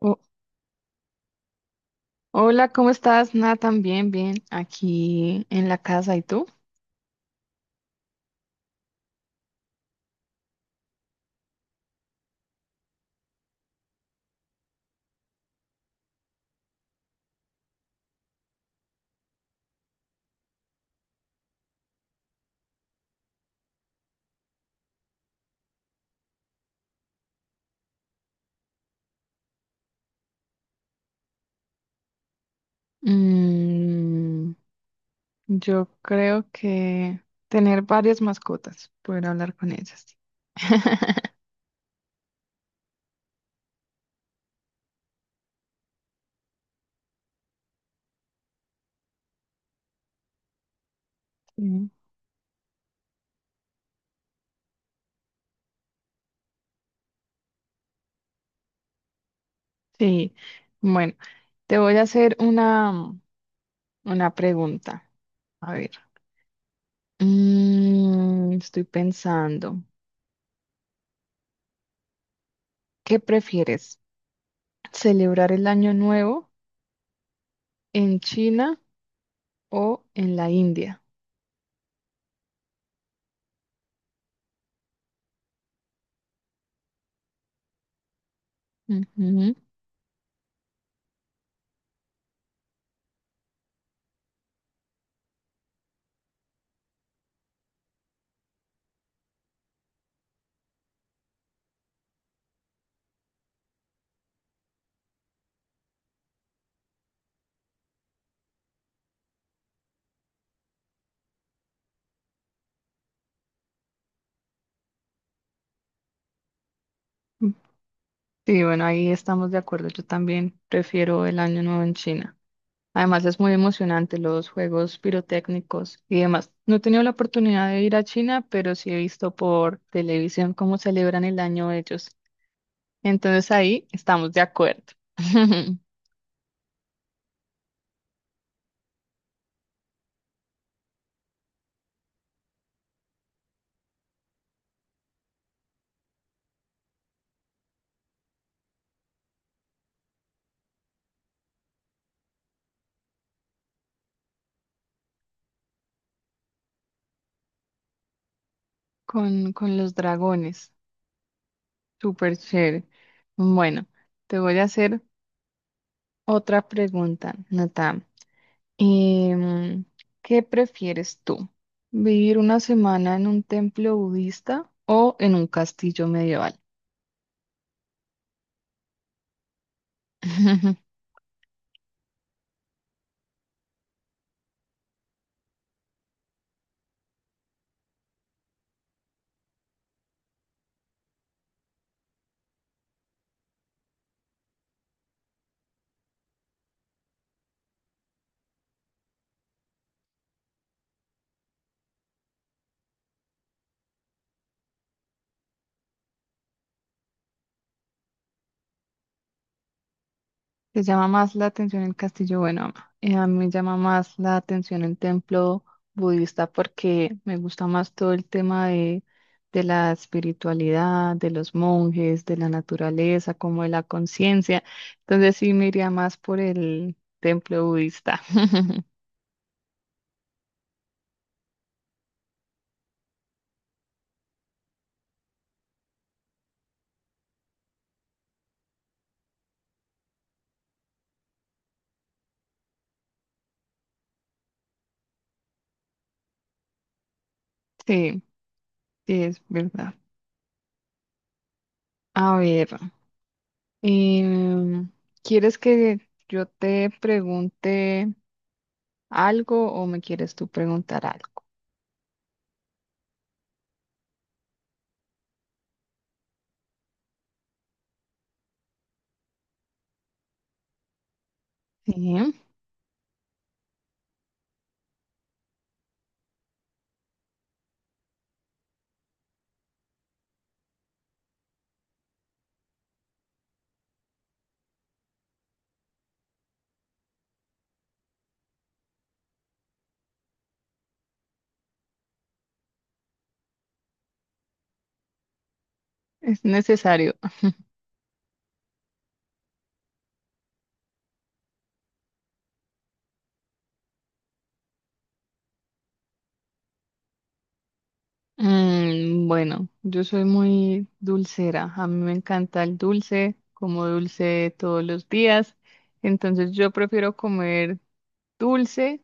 Ho- hola, ¿cómo estás? Nada, también bien, bien, aquí en la casa. ¿Y tú? Mm, yo creo que tener varias mascotas, poder hablar con ellas. Mm. Sí, bueno, te voy a hacer una pregunta. A ver, estoy pensando, ¿qué prefieres? ¿Celebrar el año nuevo en China o en la India? Ujú. Sí, bueno, ahí estamos de acuerdo. Yo también prefiero el Año Nuevo en China. Además, es muy emocionante los juegos pirotécnicos y demás. No he tenido la oportunidad de ir a China, pero sí he visto por televisión cómo celebran el año ellos. Entonces ahí estamos de acuerdo. Con los dragones. Súper chévere. Bueno, te voy a hacer otra pregunta, Nata. Em, ¿Qué prefieres tú? ¿Vivir una semana en un templo budista o en un castillo medieval? Te llama más la atención el castillo, bueno, ama. A mí me llama más la atención el templo budista porque me gusta más todo el tema de la espiritualidad, de los monjes, de la naturaleza, como de la conciencia. Entonces sí me iría más por el templo budista. Sí, sí, es verdad. A ver. Em, ¿Quieres que yo te pregunte algo o me quieres tú preguntar algo? Sí, es necesario. Bueno, yo soy muy dulcera. A mí me encanta el dulce, como dulce todos los días. Entonces yo prefiero comer dulce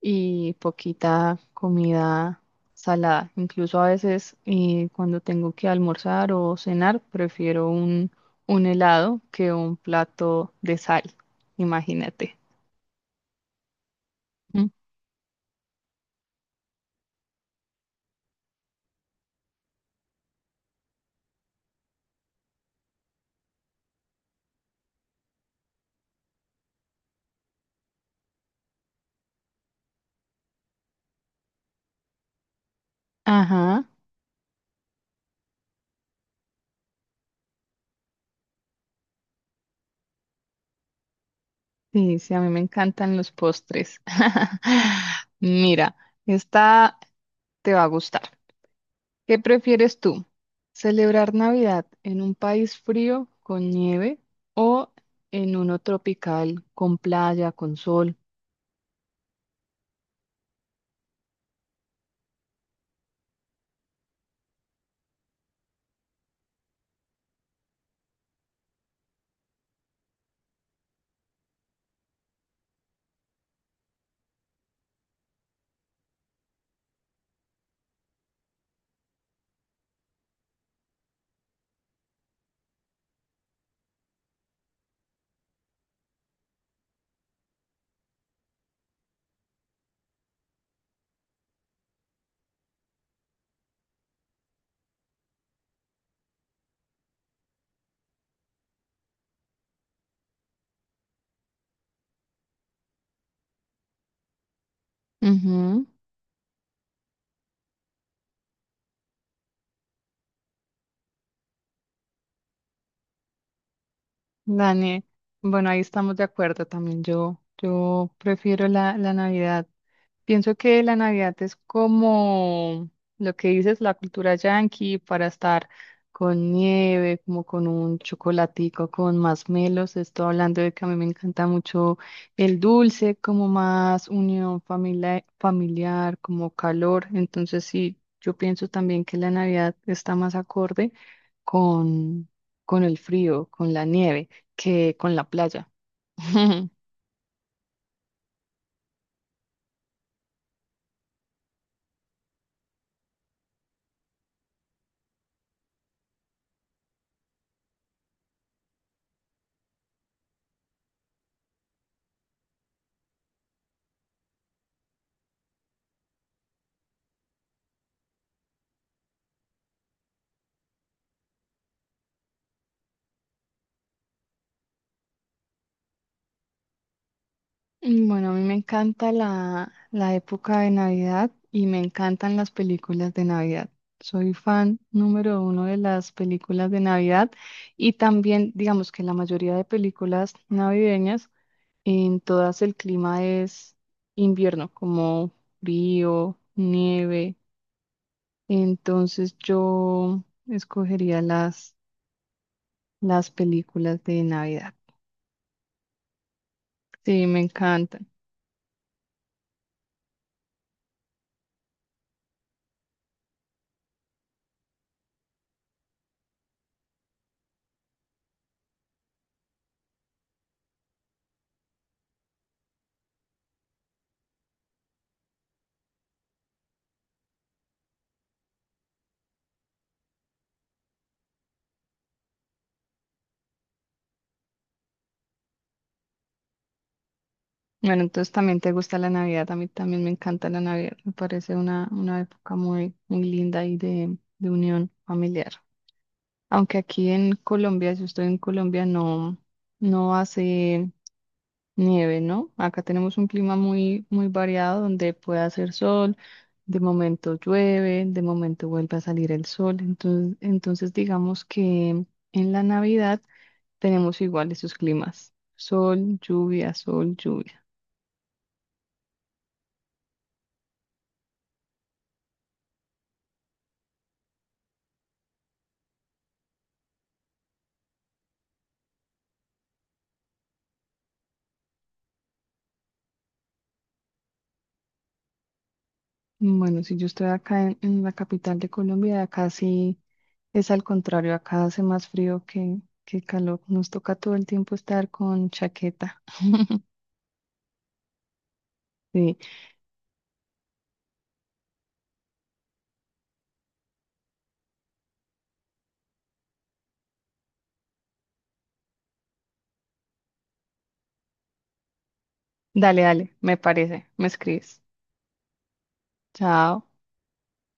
y poquita comida salada. Incluso a veces cuando tengo que almorzar o cenar, prefiero un helado que un plato de sal, imagínate. Mm. Ajá, sí, sí, a mí me encantan los postres. Mira, esta te va a gustar. ¿Qué prefieres tú? ¿Celebrar Navidad en un país frío con nieve o en uno tropical con playa, con sol? Ujú. Dani, bueno, ahí estamos de acuerdo también. Yo prefiero la Navidad. Pienso que la Navidad es como lo que dices, la cultura yanqui para estar con nieve, como con un chocolatico, con más melos. Estoy hablando de que a mí me encanta mucho el dulce, como más unión familiar, como calor. Entonces, sí, yo pienso también que la Navidad está más acorde con, con, el frío, con la nieve que con la playa. Bueno, a mí me encanta la época de Navidad y me encantan las películas de Navidad. Soy fan número uno de las películas de Navidad y también, digamos que la mayoría de películas navideñas, en todas el clima es invierno, como frío, nieve. Entonces yo escogería las películas de Navidad. Sí, me encantan. Bueno, entonces también te gusta la Navidad, a mí también me encanta la Navidad, me parece una época muy, muy linda y de, unión familiar. Aunque aquí en Colombia, si yo estoy en Colombia, no, no hace nieve, ¿no? Acá tenemos un clima muy, muy variado donde puede hacer sol, de momento llueve, de momento vuelve a salir el sol. Entonces, entonces digamos que en la Navidad tenemos igual esos climas, sol, lluvia, sol, lluvia. Bueno, si yo estoy acá en, la capital de Colombia, acá sí es al contrario, acá hace más frío que calor. Nos toca todo el tiempo estar con chaqueta. Sí. Dale, dale, me parece. Me escribes. Chao.